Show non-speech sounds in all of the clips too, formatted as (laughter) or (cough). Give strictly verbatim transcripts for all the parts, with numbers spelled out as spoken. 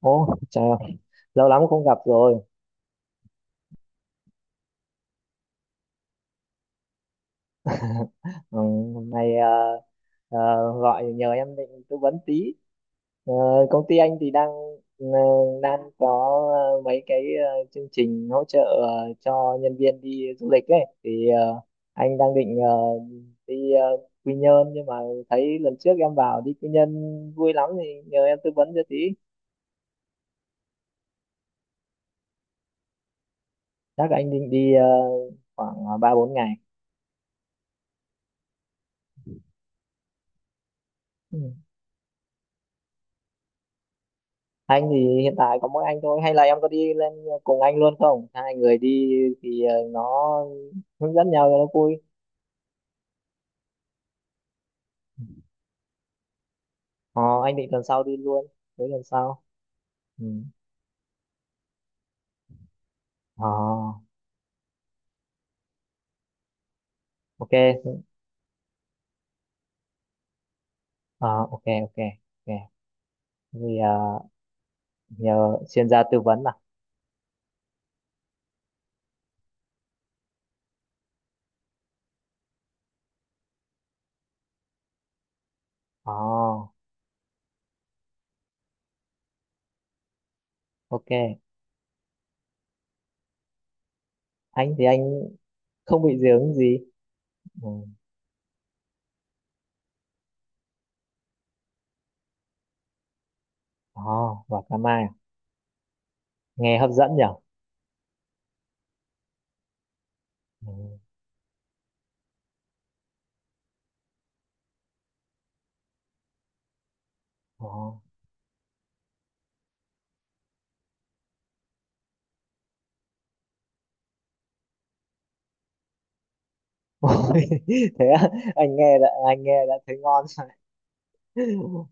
Ồ, chào, lâu lắm không gặp rồi. Ừ, hôm nay ờ, ờ, gọi nhờ em định tư vấn tí. Ờ, Công ty anh thì đang ờ, đang có ờ, mấy cái ờ, chương trình hỗ trợ ờ, cho nhân viên đi du lịch ấy. Thì ờ, anh đang định ờ, đi ờ, Quy Nhơn, nhưng mà thấy lần trước em bảo đi Quy Nhơn vui lắm thì nhờ em tư vấn cho tí. Chắc anh định đi ờ, khoảng ờ, ba bốn ngày. Ừ. Anh thì hiện tại có mỗi anh thôi, hay là em có đi lên cùng anh luôn không, hai người đi thì ờ, nó hướng dẫn nhau cho nó vui. ờ, anh định tuần sau đi luôn, tới tuần sau. Ừ. ờ, ok ờ, ok ok ok thì ờ, nhờ chuyên gia tư vấn à. ờ, ok, anh thì anh không bị dị ứng gì. Ừ. ờ, và cà mai à? Nghe hấp dẫn nhỉ. Ừ. Ờ. (laughs) Thế á, anh nghe đã anh nghe đã thấy ngon rồi. (laughs)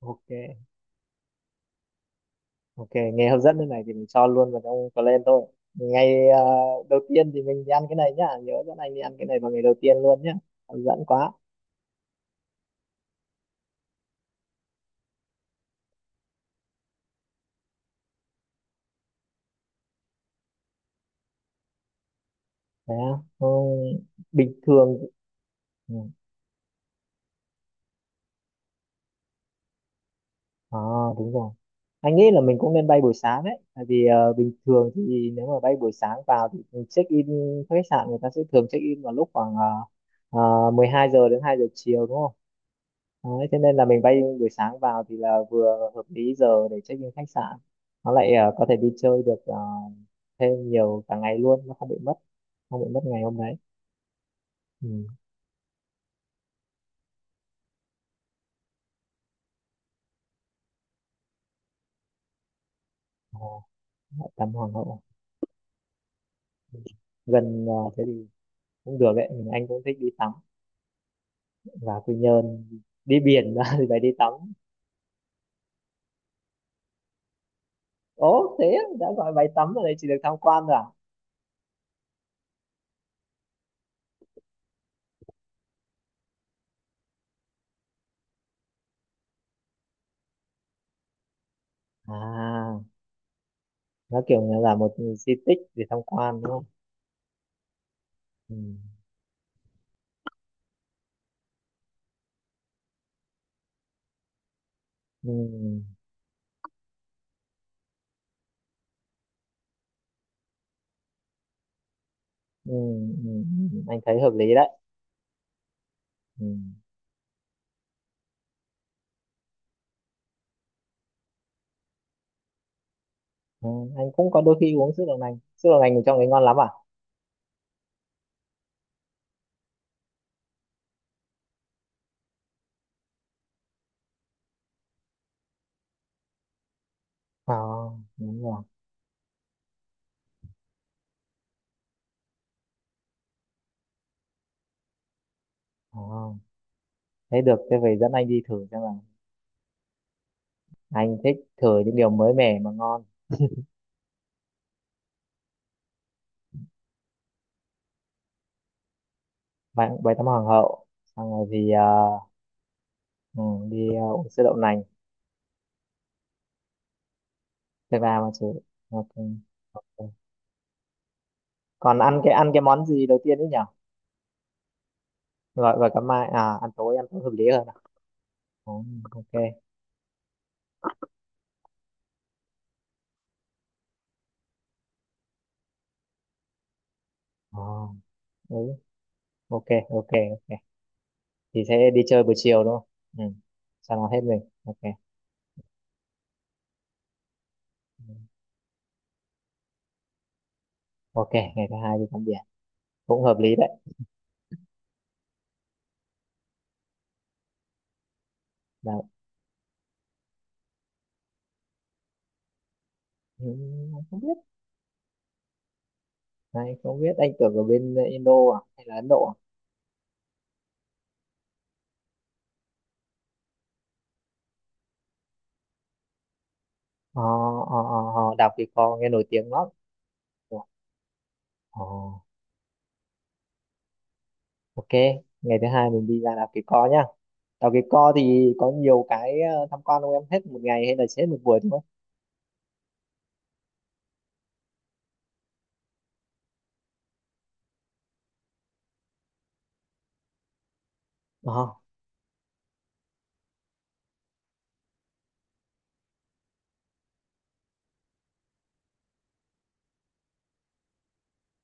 Ok. Ok, nghe hấp dẫn thế này thì mình cho luôn vào trong plan thôi. Ngày ờ, đầu tiên thì mình đi ăn cái này nhá, nhớ dẫn anh đi ăn cái này vào ngày đầu tiên luôn nhá. Hấp dẫn quá. Thế á? Ừ, bình thường. Ừ. À, đúng rồi. Anh nghĩ là mình cũng nên bay buổi sáng đấy, tại vì ờ, bình thường thì nếu mà bay buổi sáng vào thì check in khách sạn, người ta sẽ thường check in vào lúc khoảng uh, mười hai giờ đến hai giờ chiều đúng không? Đấy, thế nên là mình bay buổi sáng vào thì là vừa hợp lý giờ để check in khách sạn, nó lại ờ, có thể đi chơi được ờ, thêm nhiều cả ngày luôn, nó không bị mất, không bị mất ngày hôm đấy. Ừ. uh, Tắm Hoàng hậu gần ờ, thế thì cũng được đấy, mình anh cũng thích đi tắm và Quy Nhơn đi biển (laughs) ra thì phải đi tắm. Ố thế á, đã gọi bãi tắm ở đây chỉ được tham quan rồi à? À, nó kiểu như là một di tích để tham quan đúng không? Ừ. Ừ. Ừ. Ừ. Ừ, ừ, ừ, anh thấy hợp lý đấy. Ừ. Ừ, anh cũng có đôi khi uống sữa đậu nành, sữa đậu nành thì trong đấy ngon lắm à. Ờ, đúng rồi. Ờ, thế được, thế về dẫn anh đi thử xem là anh thích thử những điều mới mẻ mà ngon. Bánh bánh tắm hoàng hậu, xong rồi thì ờ, ừ, đi ờ, uống sữa đậu nành, thực ra mà chứ. Ok ok. Còn ăn cái ăn cái món gì đầu tiên ấy nhỉ? Gọi gọi cả mai à, ăn tối ăn tối hợp lý hơn à? Ừ, ok. ờ ừ, ok ok ok thì sẽ đi chơi buổi chiều đúng không? Ừ, cho nó hết mình. Ok. Ừ. Ok, ngày thứ hai đi tắm biển cũng hợp lý đấy. Là ừ, không biết, anh không biết, anh tưởng ở bên Indo à, hay là Ấn Độ à? Ờ, ờ, ờ, ờ, Đảo Kỳ Co nghe nổi tiếng lắm. Ủa. Ờ, ok, ngày thứ hai mình đi ra đảo Kỳ Co nhá. Đảo Kỳ Co thì có nhiều cái ờ, tham quan không, em hết một ngày hay là sẽ hết một buổi thôi? Ờ,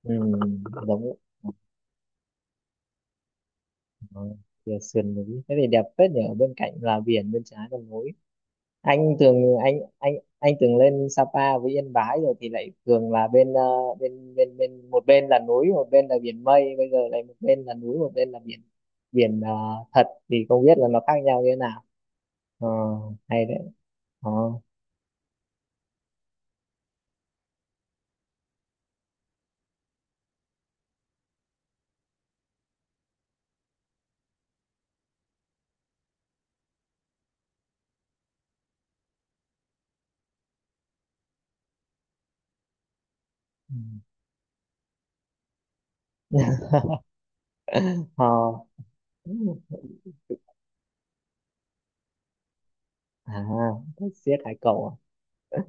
ừ, giống ờ, ờ, sườn núi, thế thì đẹp phết nhỉ, ở bên cạnh là biển, bên trái là núi. anh thường anh anh anh thường lên Sapa với Yên Bái rồi thì lại thường là bên ờ, bên bên bên một bên là núi một bên là biển, mây bây giờ lại một bên là núi một bên là biển, biển ờ, thật thì không biết là nó khác nhau như thế nào. ờ, Hay đấy. Ờ. Ừ. (laughs) Ờ. À thích siếc hải cẩu à?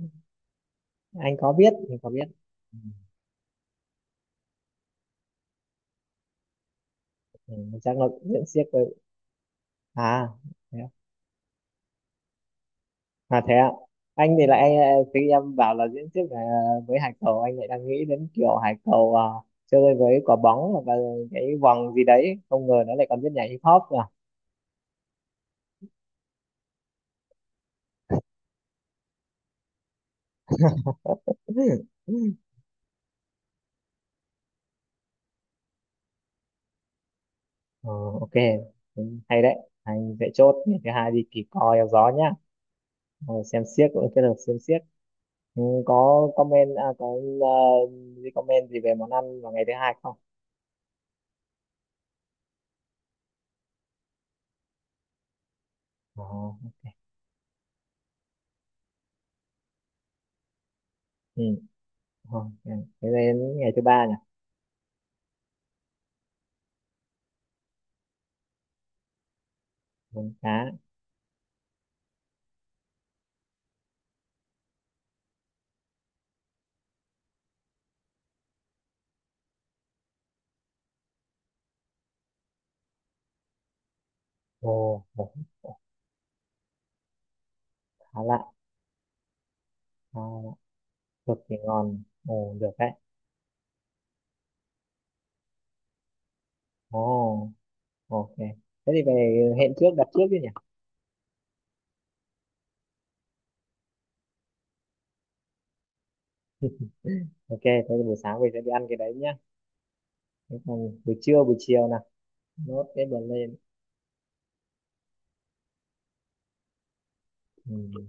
Anh có biết, anh có biết. Ừ. Ừ, chắc nó cũng siếc với. À, thế. À thế ạ. Anh thì lại khi em bảo là diễn thuyết về với hải cầu, anh lại đang nghĩ đến kiểu hải cầu à, chơi với quả bóng hoặc là cái vòng gì đấy, không ngờ nó lại còn biết nhảy hip hop à. (laughs) Ờ, ok. Ừ, hay đấy, anh sẽ chốt ngày thứ hai đi kỳ co eo gió nhá. Ờ, xem xiếc, cũng kết hợp xem xiếc. Ừ, có comment à, có ờ, gì comment gì về món ăn vào ngày thứ hai không? Ờ, ừ. Ờ, thế đến ngày thứ ba nhỉ. Món cá. Ồ, ồ, ồ, khá lạ. Ờ. Được thì ngon. Ồ, được đấy. Ồ, ok. Thế thì về hẹn trước, đặt trước chứ nhỉ? Ok, thế thì buổi sáng mình sẽ đi ăn cái đấy nhá. Thế còn buổi trưa, buổi chiều nè. Nốt cái bờ lên. Ừ,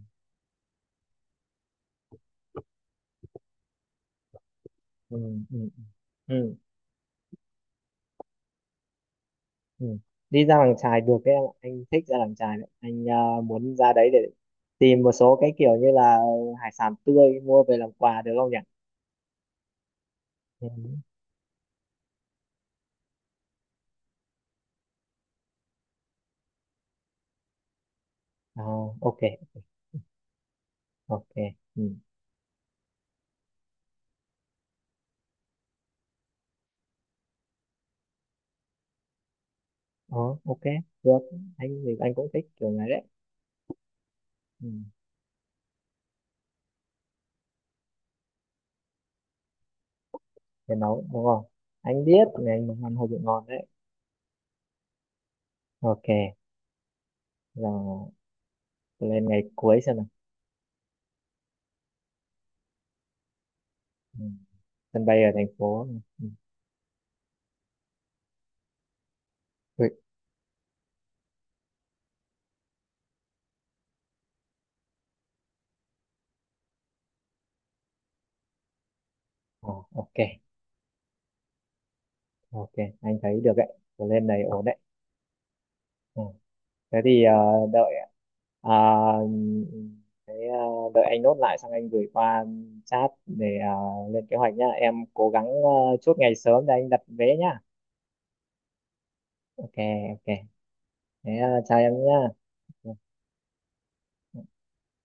ừ, ừ, ừ, ừ. Đi ra làng chài được đấy em ạ. Anh thích ra làng chài đấy. Anh ờ, muốn ra đấy để tìm một số cái kiểu như là hải sản tươi mua về làm quà được không nhỉ? Ừ. Ờ, ok, ok. Ừ. Ờ, ok, được. Anh thì anh cũng thích kiểu này đấy. Ừ. Cái nấu đúng không, anh biết ngày anh nấu ăn hơi bị ngon đấy. Ok là lên ngày cuối xem nào. Ừ. Sân bay ở thành phố. Ừ. Ui, ờ, ok ok, anh thấy được đấy. Rồi lên này ổn đấy. Ừ. Thế thì ờ, đợi ờ, thế, ờ, đợi anh nốt lại xong anh gửi qua chat để ờ, lên kế hoạch nhá, em cố gắng ờ, chốt ngày sớm để anh đặt vé nhá. Ok ok. Thế ờ, chào em nhá. Ừ.